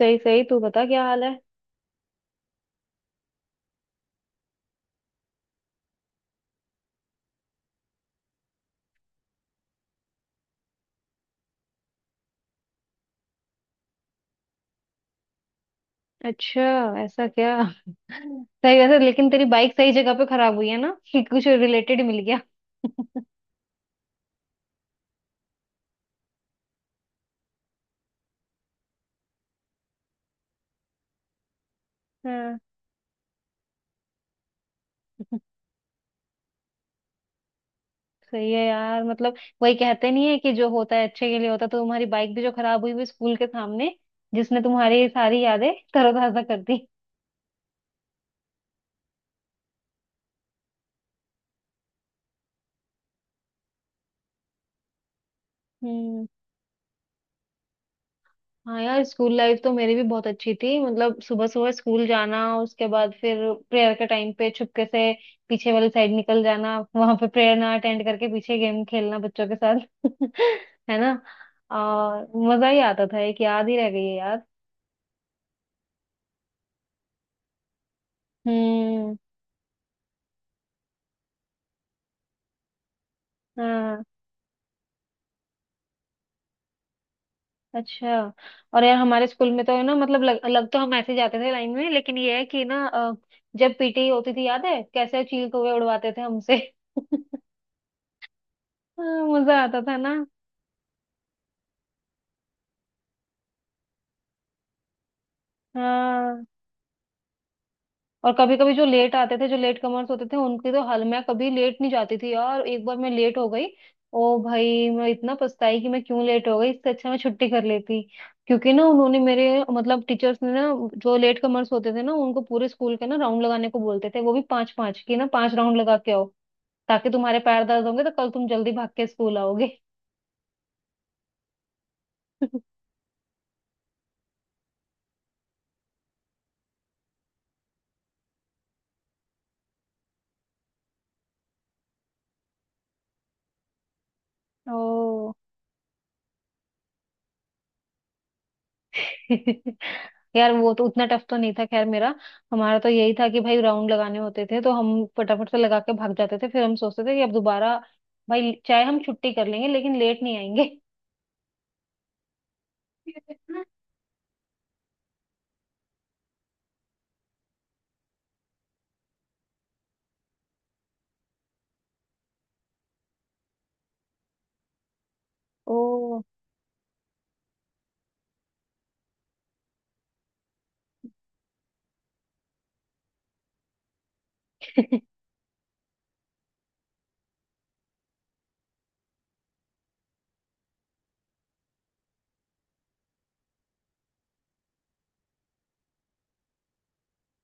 सही सही तू बता क्या हाल है। अच्छा। ऐसा क्या? सही वैसे, लेकिन तेरी बाइक सही जगह पे खराब हुई है ना कि कुछ रिलेटेड मिल गया। हाँ। सही है यार, मतलब वही कहते नहीं है कि जो होता है अच्छे के लिए होता है। तो तुम्हारी बाइक भी जो खराब हुई वो स्कूल के सामने जिसने तुम्हारी सारी यादें तरोताजा कर दी। हम्म। हाँ यार, स्कूल लाइफ तो मेरी भी बहुत अच्छी थी। मतलब सुबह सुबह स्कूल जाना, उसके बाद फिर प्रेयर के टाइम पे छुपके से पीछे वाली साइड निकल जाना, वहां पे प्रेयर ना अटेंड करके पीछे गेम खेलना बच्चों के साथ। है ना? और मजा ही आता था, एक याद ही रह गई है यार। हम्म। हाँ। अच्छा। और यार हमारे स्कूल में तो है ना, मतलब लग तो हम ऐसे ही जाते थे लाइन में, लेकिन ये है कि ना जब पीटी होती थी, याद है कैसे चील कौवे उड़वाते थे हमसे। हाँ, मजा आता था ना। हाँ। और कभी कभी जो लेट आते थे, जो लेट कमर्स होते थे उनकी तो हल। मैं कभी लेट नहीं जाती थी यार। एक बार मैं लेट हो गई। ओ भाई, मैं इतना पछताई कि मैं क्यों लेट हो गई, इससे अच्छा मैं छुट्टी कर लेती। क्योंकि ना उन्होंने मेरे मतलब टीचर्स ने ना जो लेट कमर्स होते थे ना उनको पूरे स्कूल के ना राउंड लगाने को बोलते थे। वो भी पांच पांच की ना, पांच राउंड लगा के आओ, ताकि तुम्हारे पैर दर्द होंगे तो कल तुम जल्दी भाग के स्कूल आओगे। ओ। यार वो तो उतना टफ तो नहीं था खैर मेरा। हमारा तो यही था कि भाई राउंड लगाने होते थे तो हम फटाफट से लगा के भाग जाते थे, फिर हम सोचते थे कि अब दोबारा भाई चाहे हम छुट्टी कर लेंगे लेकिन लेट नहीं आएंगे। ओ। हम्म।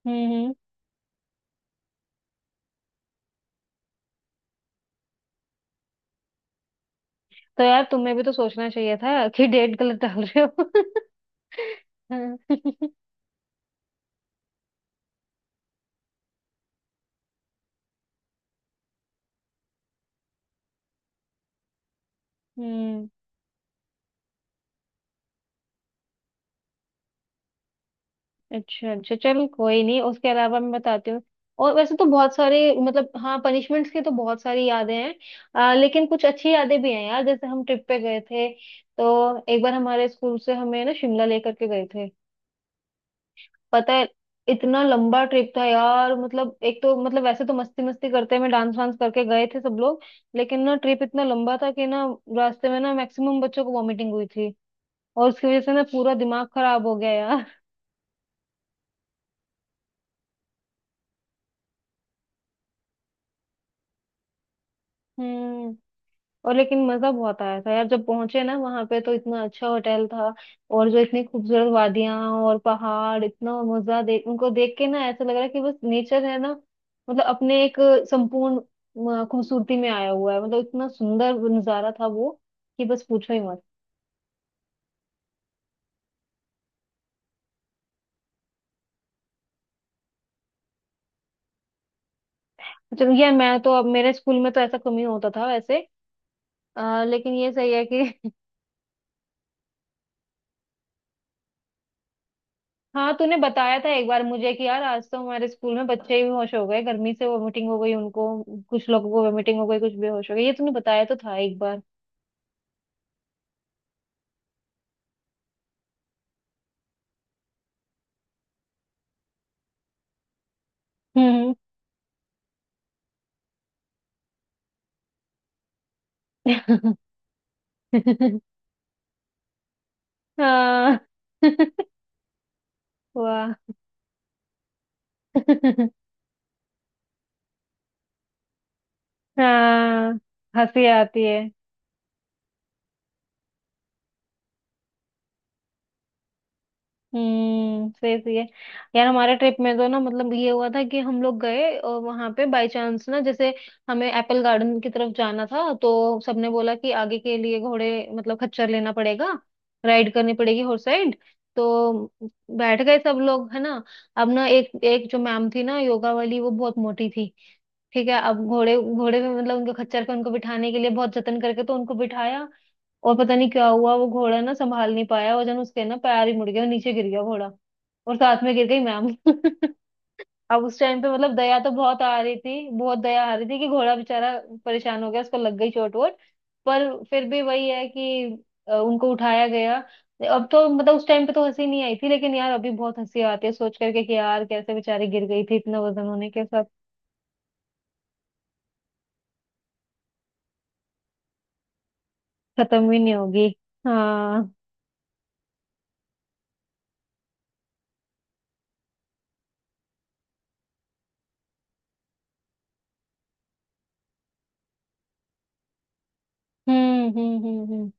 हम्म। तो यार तुम्हें भी तो सोचना चाहिए था कि डेट गलत डाल रहे हो। हाँ। हम्म। अच्छा अच्छा, चल कोई नहीं, उसके अलावा मैं बताती हूँ। और वैसे तो बहुत सारे, मतलब हाँ, पनिशमेंट्स की तो बहुत सारी यादें हैं। लेकिन कुछ अच्छी यादें भी हैं यार, जैसे हम ट्रिप पे गए थे। तो एक बार हमारे स्कूल से हमें ना शिमला लेकर के गए थे। पता है, इतना लंबा ट्रिप था यार, मतलब एक तो मतलब वैसे तो मस्ती मस्ती करते में, डांस वांस करके गए थे सब लोग। लेकिन ना ट्रिप इतना लंबा था कि ना रास्ते में ना मैक्सिमम बच्चों को वॉमिटिंग हुई थी, और उसकी वजह से ना पूरा दिमाग खराब हो गया यार। हम्म। और लेकिन मजा बहुत आया था यार जब पहुंचे ना वहां पे, तो इतना अच्छा होटल था, और जो इतनी खूबसूरत वादियां और पहाड़, इतना मजा, देख उनको देख के ना ऐसा लग रहा है कि बस नेचर है ना, मतलब अपने एक संपूर्ण खूबसूरती में आया हुआ है। मतलब इतना सुंदर नजारा था वो कि बस पूछो ही मत। चलो ये मैं तो, अब मेरे स्कूल में तो ऐसा कमी होता था वैसे। लेकिन ये सही है कि हाँ, तूने बताया था एक बार मुझे कि यार आज तो हमारे स्कूल में बच्चे ही बेहोश हो गए गर्मी से, वोमिटिंग हो गई उनको, कुछ लोगों को वोमिटिंग हो गई कुछ बेहोश हो गए। ये तूने बताया तो था एक बार। हम्म। हाँ। वाह। हाँ, हंसी आती है। हम्म। सही सही है। यार हमारे ट्रिप में तो ना, मतलब ये हुआ था कि हम लोग गए और वहां पे बाय चांस ना, जैसे हमें एप्पल गार्डन की तरफ जाना था तो सबने बोला कि आगे के लिए घोड़े, मतलब खच्चर लेना पड़ेगा, राइड करनी पड़ेगी, हॉर्स राइड। तो बैठ गए सब लोग है ना। अब ना, एक एक जो मैम थी ना योगा वाली, वो बहुत मोटी थी। ठीक है। अब घोड़े घोड़े पे, मतलब उनके खच्चर पे उनको बिठाने के लिए बहुत जतन करके तो उनको बिठाया, और पता नहीं क्या हुआ, वो घोड़ा ना संभाल नहीं पाया वजन, उसके ना पैर ही मुड़ गया और नीचे गिर गया घोड़ा, और साथ में गिर गई मैम। अब उस टाइम पे मतलब दया तो बहुत आ रही थी, बहुत दया आ रही थी कि घोड़ा बेचारा परेशान हो गया, उसको लग गई चोट वोट। पर फिर भी वही है कि उनको उठाया गया। अब तो मतलब उस टाइम पे तो हंसी नहीं आई थी, लेकिन यार अभी बहुत हंसी आती है सोच करके कि यार कैसे बेचारी गिर गई थी इतना वजन होने के साथ। खत्म भी नहीं होगी। हाँ। हम्म।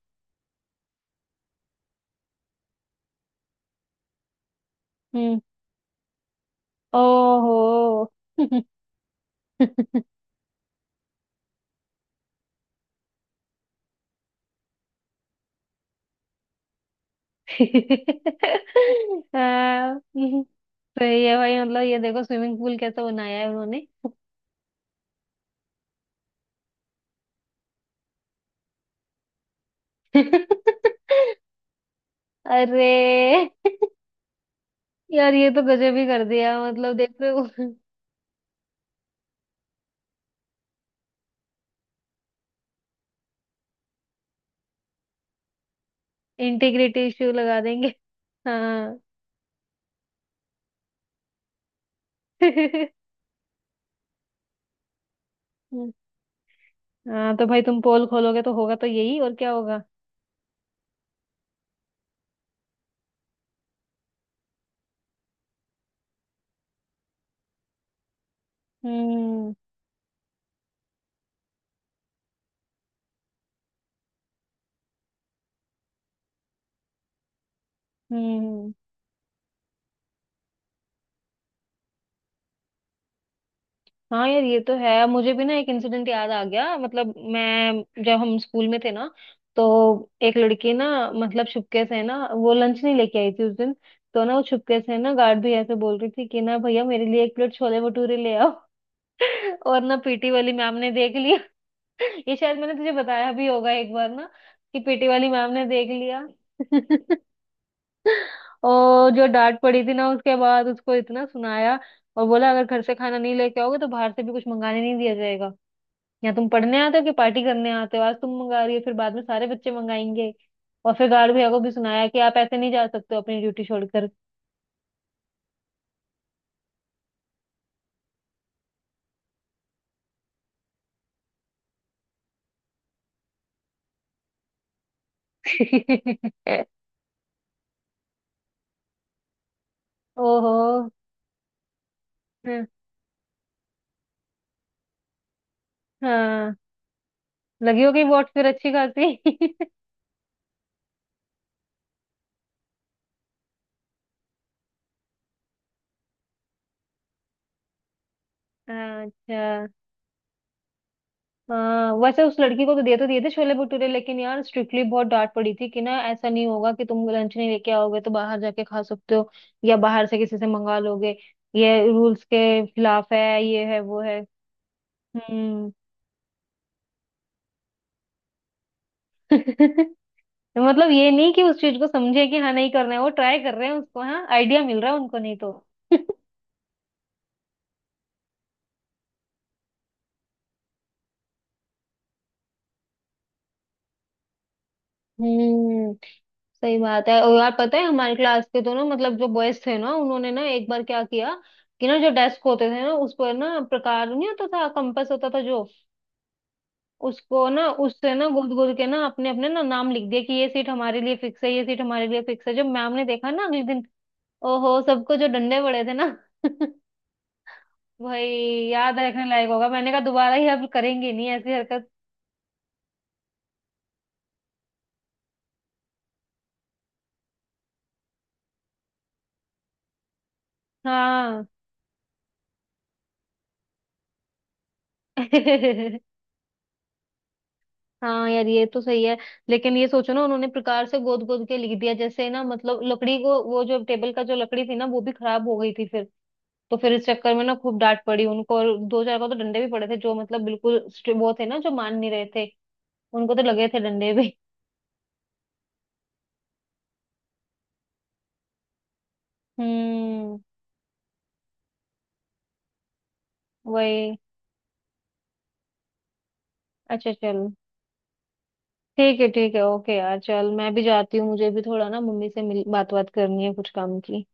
हम्म। ओहो। हाँ, तो ये भाई, मतलब ये देखो स्विमिंग पूल कैसा बनाया है उन्होंने। अरे यार ये तो गजब ही कर दिया, मतलब देख रहे हो। इंटीग्रिटी इश्यू लगा देंगे। हाँ। हाँ तो भाई, तुम पोल खोलोगे तो होगा तो यही, और क्या होगा। हम्म। हम्म। हाँ यार ये तो है। मुझे भी ना एक इंसिडेंट याद आ गया, मतलब मैं जब हम स्कूल में थे ना, तो एक लड़की ना, मतलब छुपके से ना वो लंच नहीं लेके आई थी उस दिन। तो ना वो छुपके से ना गार्ड भैया से बोल रही थी कि ना भैया मेरे लिए एक प्लेट छोले भटूरे ले आओ। और ना पीटी वाली मैम ने देख लिया। ये शायद मैंने तुझे बताया भी होगा एक बार ना कि पीटी वाली मैम ने देख लिया। और जो डांट पड़ी थी ना उसके बाद, उसको इतना सुनाया, और बोला अगर घर से खाना नहीं लेके आओगे तो बाहर से भी कुछ मंगाने नहीं दिया जाएगा, या तुम पढ़ने आते हो कि पार्टी करने आते हो, आज तुम मंगा रही हो फिर बाद में सारे बच्चे मंगाएंगे। और फिर गार्ड भैया को भी सुनाया कि आप ऐसे नहीं जा सकते हो अपनी ड्यूटी छोड़कर। ओहो। हाँ। हाँ, लगी होगी वोट फिर अच्छी खासी। अच्छा। हाँ वैसे उस लड़की को तो दे तो दिए थे छोले भटूरे, लेकिन यार स्ट्रिक्टली बहुत डांट पड़ी थी कि ना ऐसा नहीं होगा कि तुम लंच नहीं लेके आओगे तो बाहर जाके खा सकते हो, या बाहर से किसी से मंगा लोगे, ये रूल्स के खिलाफ है, ये है वो है। हम्म। मतलब ये नहीं कि उस चीज को समझे कि हाँ नहीं करना है, वो ट्राई कर रहे हैं उसको, हाँ आइडिया मिल रहा है उनको नहीं तो। हम्म। सही बात है। और यार पता है हमारे क्लास के दोनों मतलब जो बॉयज थे ना उन्होंने ना एक बार क्या किया कि ना जो डेस्क होते थे ना उस पर ना, प्रकार नहीं होता था, कंपास होता था जो, उसको ना, उससे ना गोद गोद के ना अपने अपने ना नाम लिख दिया कि ये सीट हमारे लिए फिक्स है, ये सीट हमारे लिए फिक्स है। जब मैम ने देखा ना अगले दिन, ओहो, सबको जो डंडे पड़े थे ना। भाई, याद रखने लायक होगा। मैंने कहा दोबारा ये अब करेंगे नहीं ऐसी हरकत। हाँ। हाँ यार ये तो सही है। लेकिन ये सोचो ना उन्होंने प्रकार से गोद गोद के लिख दिया, जैसे ना मतलब लकड़ी को, वो जो टेबल का जो लकड़ी थी ना वो भी खराब हो गई थी फिर। तो फिर इस चक्कर में ना खूब डांट पड़ी उनको, और दो चार को तो डंडे भी पड़े थे, जो मतलब बिल्कुल वो थे ना जो मान नहीं रहे थे, उनको तो लगे थे डंडे भी। हम्म। वही। अच्छा चल, ठीक है ठीक है, ओके यार चल, मैं भी जाती हूँ, मुझे भी थोड़ा ना मम्मी से मिल, बात बात करनी है कुछ काम की।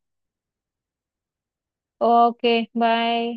Okay, bye.